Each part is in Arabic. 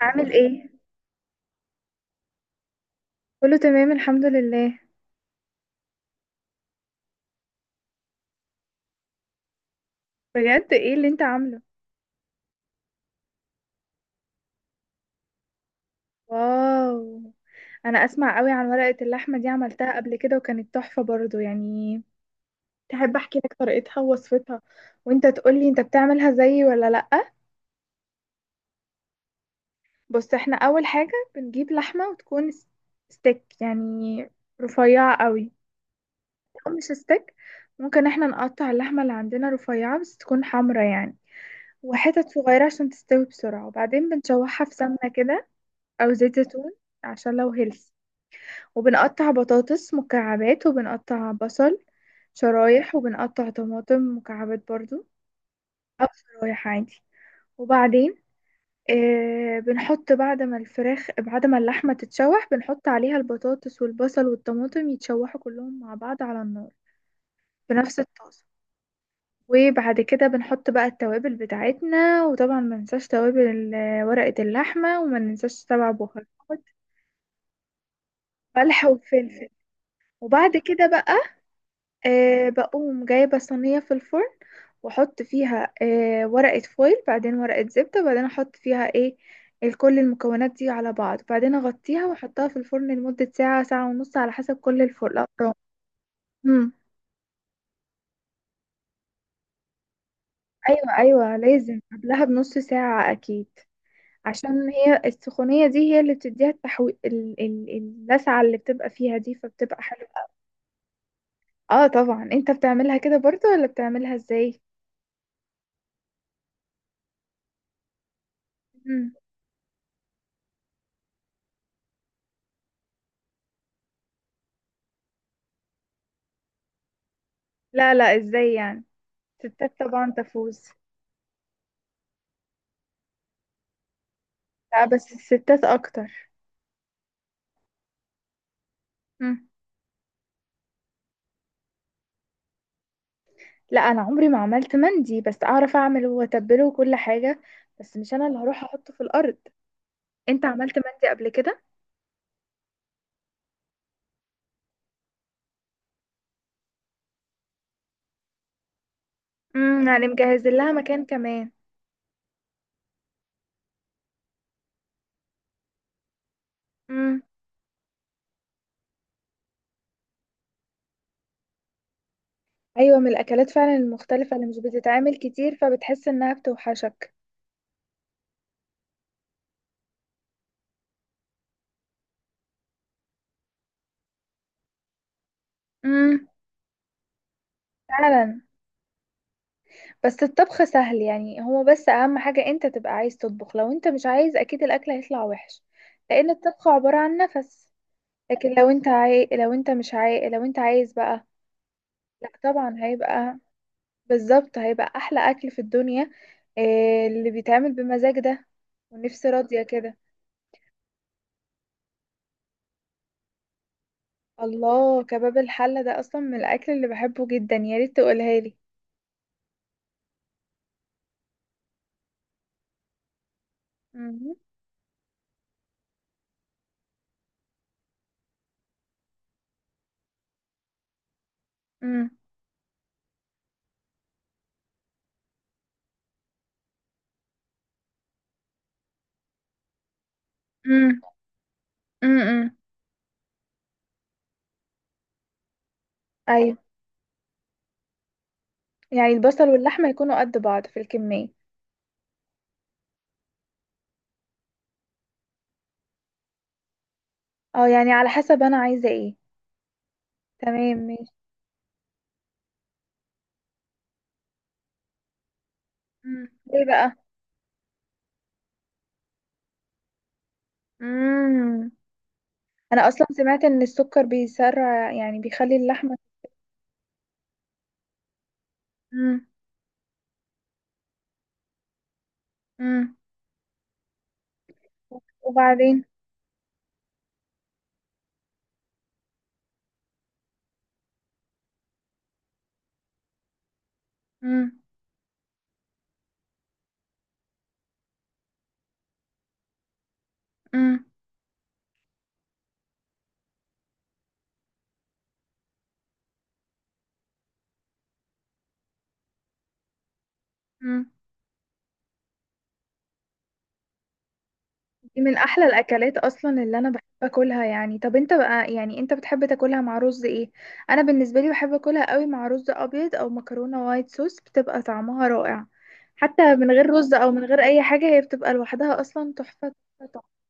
عامل ايه. كله تمام الحمد لله. بجد ايه اللي انت عامله؟ واو. انا اسمع قوي عن ورقة اللحمة دي، عملتها قبل كده وكانت تحفة برضو يعني. تحب احكي لك طريقتها ووصفتها وانت تقولي انت بتعملها زيي ولا لأ؟ بص، احنا اول حاجة بنجيب لحمة وتكون ستيك يعني، رفيعة قوي. او مش ستيك، ممكن احنا نقطع اللحمة اللي عندنا رفيعة بس تكون حمرا يعني، وحتت صغيرة عشان تستوي بسرعة. وبعدين بنشوحها في سمنة كده، او زيت زيتون عشان لو هيلث. وبنقطع بطاطس مكعبات، وبنقطع بصل شرايح، وبنقطع طماطم مكعبات برضو، او شرايح عادي. وبعدين بنحط بعد ما اللحمة تتشوح بنحط عليها البطاطس والبصل والطماطم يتشوحوا كلهم مع بعض على النار، في نفس الطاسة. وبعد كده بنحط بقى التوابل بتاعتنا، وطبعا ما ننساش توابل ورقة اللحمة، وما ننساش سبع بهارات، ملح وفلفل. وبعد كده بقى بقوم جايبة صينية في الفرن، واحط فيها ورقة فويل، بعدين ورقة زبدة، بعدين احط فيها ايه، كل المكونات دي على بعض، بعدين اغطيها واحطها في الفرن لمدة ساعة ساعة ونص على حسب كل الفرن الأفران. مم. ايوه ايوه، لازم قبلها بنص ساعة اكيد. عشان هي السخونية دي هي اللي بتديها التحوي اللسعة اللي بتبقى فيها دي، فبتبقى حلوة. اه طبعا. انت بتعملها كده برضو ولا بتعملها ازاي؟ مم. لا لا، ازاي يعني؟ ستات طبعا تفوز. لا، بس الستات اكتر. مم. لا، انا عمري ما عملت مندي، بس اعرف اعمله واتبله وكل حاجه، بس مش انا اللي هروح احطه في الارض. انت عملت مندي قبل كده؟ امم، يعني مجهز لها مكان كمان. امم، ايوه من الاكلات فعلا المختلفه اللي مش بتتعمل كتير، فبتحس انها بتوحشك. امم. فعلا. بس الطبخ سهل يعني، هو بس اهم حاجه انت تبقى عايز تطبخ، لو انت مش عايز اكيد الاكل هيطلع وحش. لان الطبخ عباره عن نفس. لكن لو انت عاي... لو انت مش عاي... لو انت عايز بقى، لا طبعا هيبقى، بالظبط هيبقى احلى اكل في الدنيا. إيه اللي بيتعمل بمزاج ده ونفسي راضية كده. الله، كباب الحلة ده اصلا من الاكل اللي بحبه جدا، يا ريت تقولها لي. مم. مم. مم. مم. ايوه، يعني البصل واللحمة يكونوا قد بعض في الكمية. اه يعني على حسب انا عايزة ايه. تمام ماشي. مم. ايه بقى. مم. انا اصلا سمعت ان السكر بيسرع، يعني بيخلي اللحمة. مم. مم. وبعدين. مم. مم. مم. دي من احلى الاكلات اصلا اللي انا بحب اكلها يعني. طب انت بقى يعني انت بتحب تاكلها مع رز ايه؟ انا بالنسبه لي بحب اكلها قوي مع رز ابيض او مكرونه وايت صوص، بتبقى طعمها رائع. حتى من غير رز او من غير اي حاجه هي بتبقى لوحدها اصلا تحفه. تحفة، تحفة.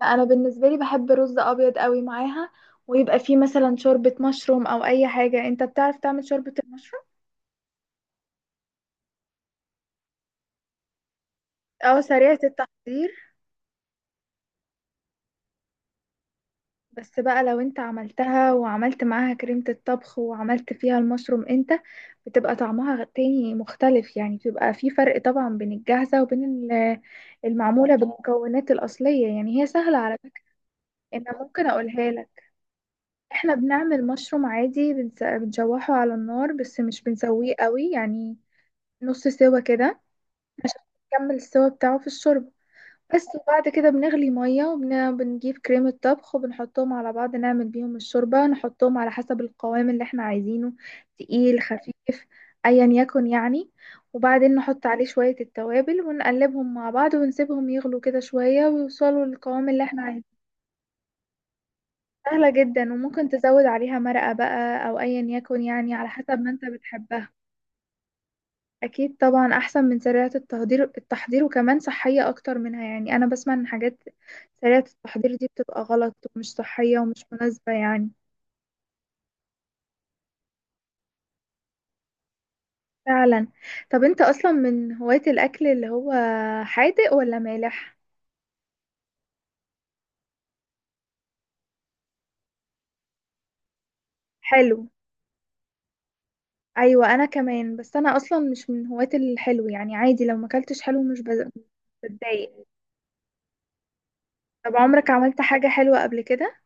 لا، انا بالنسبه لي بحب رز ابيض قوي معاها، ويبقى فيه مثلا شوربه مشروم او اي حاجه. انت بتعرف تعمل شوربه المشروم؟ اه، سريعه التحضير. بس بقى لو انت عملتها وعملت معاها كريمة الطبخ وعملت فيها المشروم انت، بتبقى طعمها تاني مختلف، يعني بيبقى في فرق طبعا بين الجاهزة وبين ال- المعمولة بالمكونات الأصلية. يعني هي سهلة على فكرة، انا ممكن اقولها لك. احنا بنعمل مشروم عادي، بنشوحه على النار بس مش بنسويه قوي يعني، نص سوا كده، عشان نكمل السوا بتاعه في الشوربة بس. وبعد كده بنغلي مية وبنجيب كريمة طبخ وبنحطهم على بعض، نعمل بيهم الشوربة، نحطهم على حسب القوام اللي احنا عايزينه، تقيل خفيف ايا يكن يعني. وبعدين نحط عليه شوية التوابل ونقلبهم مع بعض ونسيبهم يغلوا كده شوية ويوصلوا للقوام اللي احنا عايزينه. سهلة جدا، وممكن تزود عليها مرقة بقى او ايا يكن يعني، على حسب ما انت بتحبها. اكيد طبعا احسن من سريعة التحضير. وكمان صحية اكتر منها يعني. انا بسمع ان حاجات سريعة التحضير دي بتبقى غلط ومش صحية ومش مناسبة يعني. فعلا. طب انت اصلا من هواة الاكل اللي هو حادق ولا مالح؟ حلو. ايوه انا كمان، بس انا اصلا مش من هواة الحلو يعني، عادي لو ما اكلتش حلو مش مش بتضايق. طب عمرك عملت حاجة حلوة قبل كده؟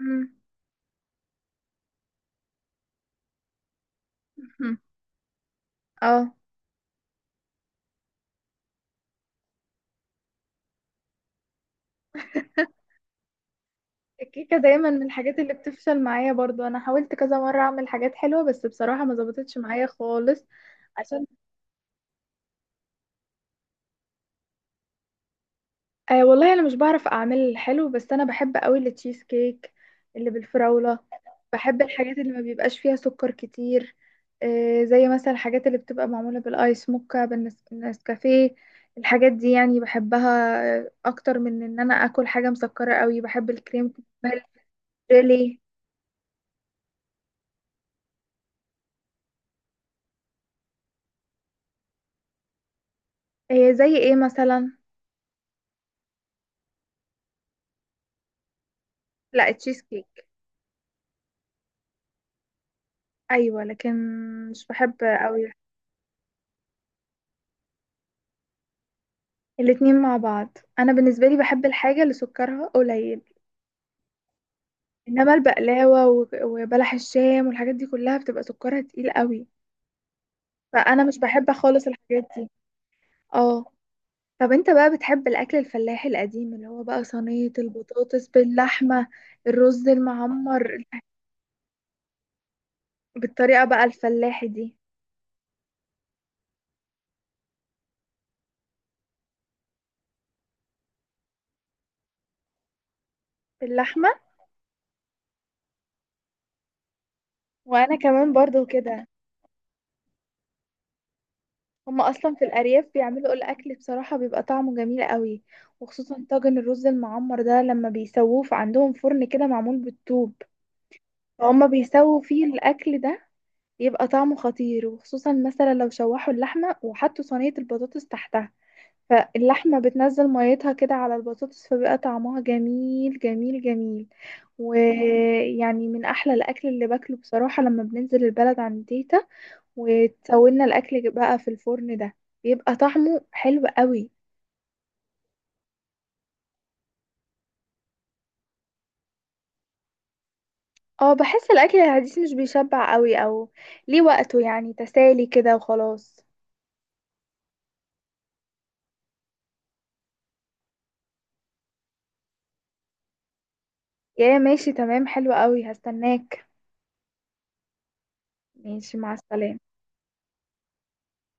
مم. اه. الكيكة دايما من الحاجات اللي بتفشل معايا برضو، انا حاولت كذا مرة اعمل حاجات حلوة بس بصراحة ما ظبطتش معايا خالص. عشان والله انا مش بعرف اعمل الحلو، بس انا بحب قوي التشيز كيك اللي بالفراولة. بحب الحاجات اللي ما بيبقاش فيها سكر كتير، آه زي مثلا الحاجات اللي بتبقى معمولة بالايس موكا، بالنسكافيه. الحاجات دي يعني بحبها، اكتر من ان انا اكل حاجة مسكرة قوي. بحب الكريم، بحب الجيلي. آه زي ايه مثلا؟ لا، التشيز كيك. ايوه لكن مش بحب قوي الاتنين مع بعض. انا بالنسبه لي بحب الحاجه اللي سكرها قليل. انما البقلاوه وبلح الشام والحاجات دي كلها بتبقى سكرها تقيل قوي، فانا مش بحب خالص الحاجات دي. اه. طب انت بقى بتحب الاكل الفلاحي القديم اللي هو بقى صينيه البطاطس باللحمه، الرز المعمر، بالطريقه بقى الفلاحي دي؟ باللحمه، وانا كمان برضو كده. هما اصلا في الارياف بيعملوا الاكل بصراحه بيبقى طعمه جميل قوي، وخصوصا طاجن الرز المعمر ده لما بيسووه في عندهم فرن كده معمول بالطوب. فهم بيسووا فيه الاكل ده يبقى طعمه خطير، وخصوصا مثلا لو شوحوا اللحمه وحطوا صينيه البطاطس تحتها، فاللحمه بتنزل ميتها كده على البطاطس، فبيبقى طعمها جميل جميل جميل. ويعني من احلى الاكل اللي باكله بصراحه، لما بننزل البلد عند تيتا وتسوينا الاكل بقى في الفرن ده، بيبقى طعمه حلو قوي. اه، بحس الاكل الحديث مش بيشبع قوي، او ليه وقته يعني، تسالي كده وخلاص. يا ماشي تمام، حلو قوي، هستناك. ماشي، مع السلامة.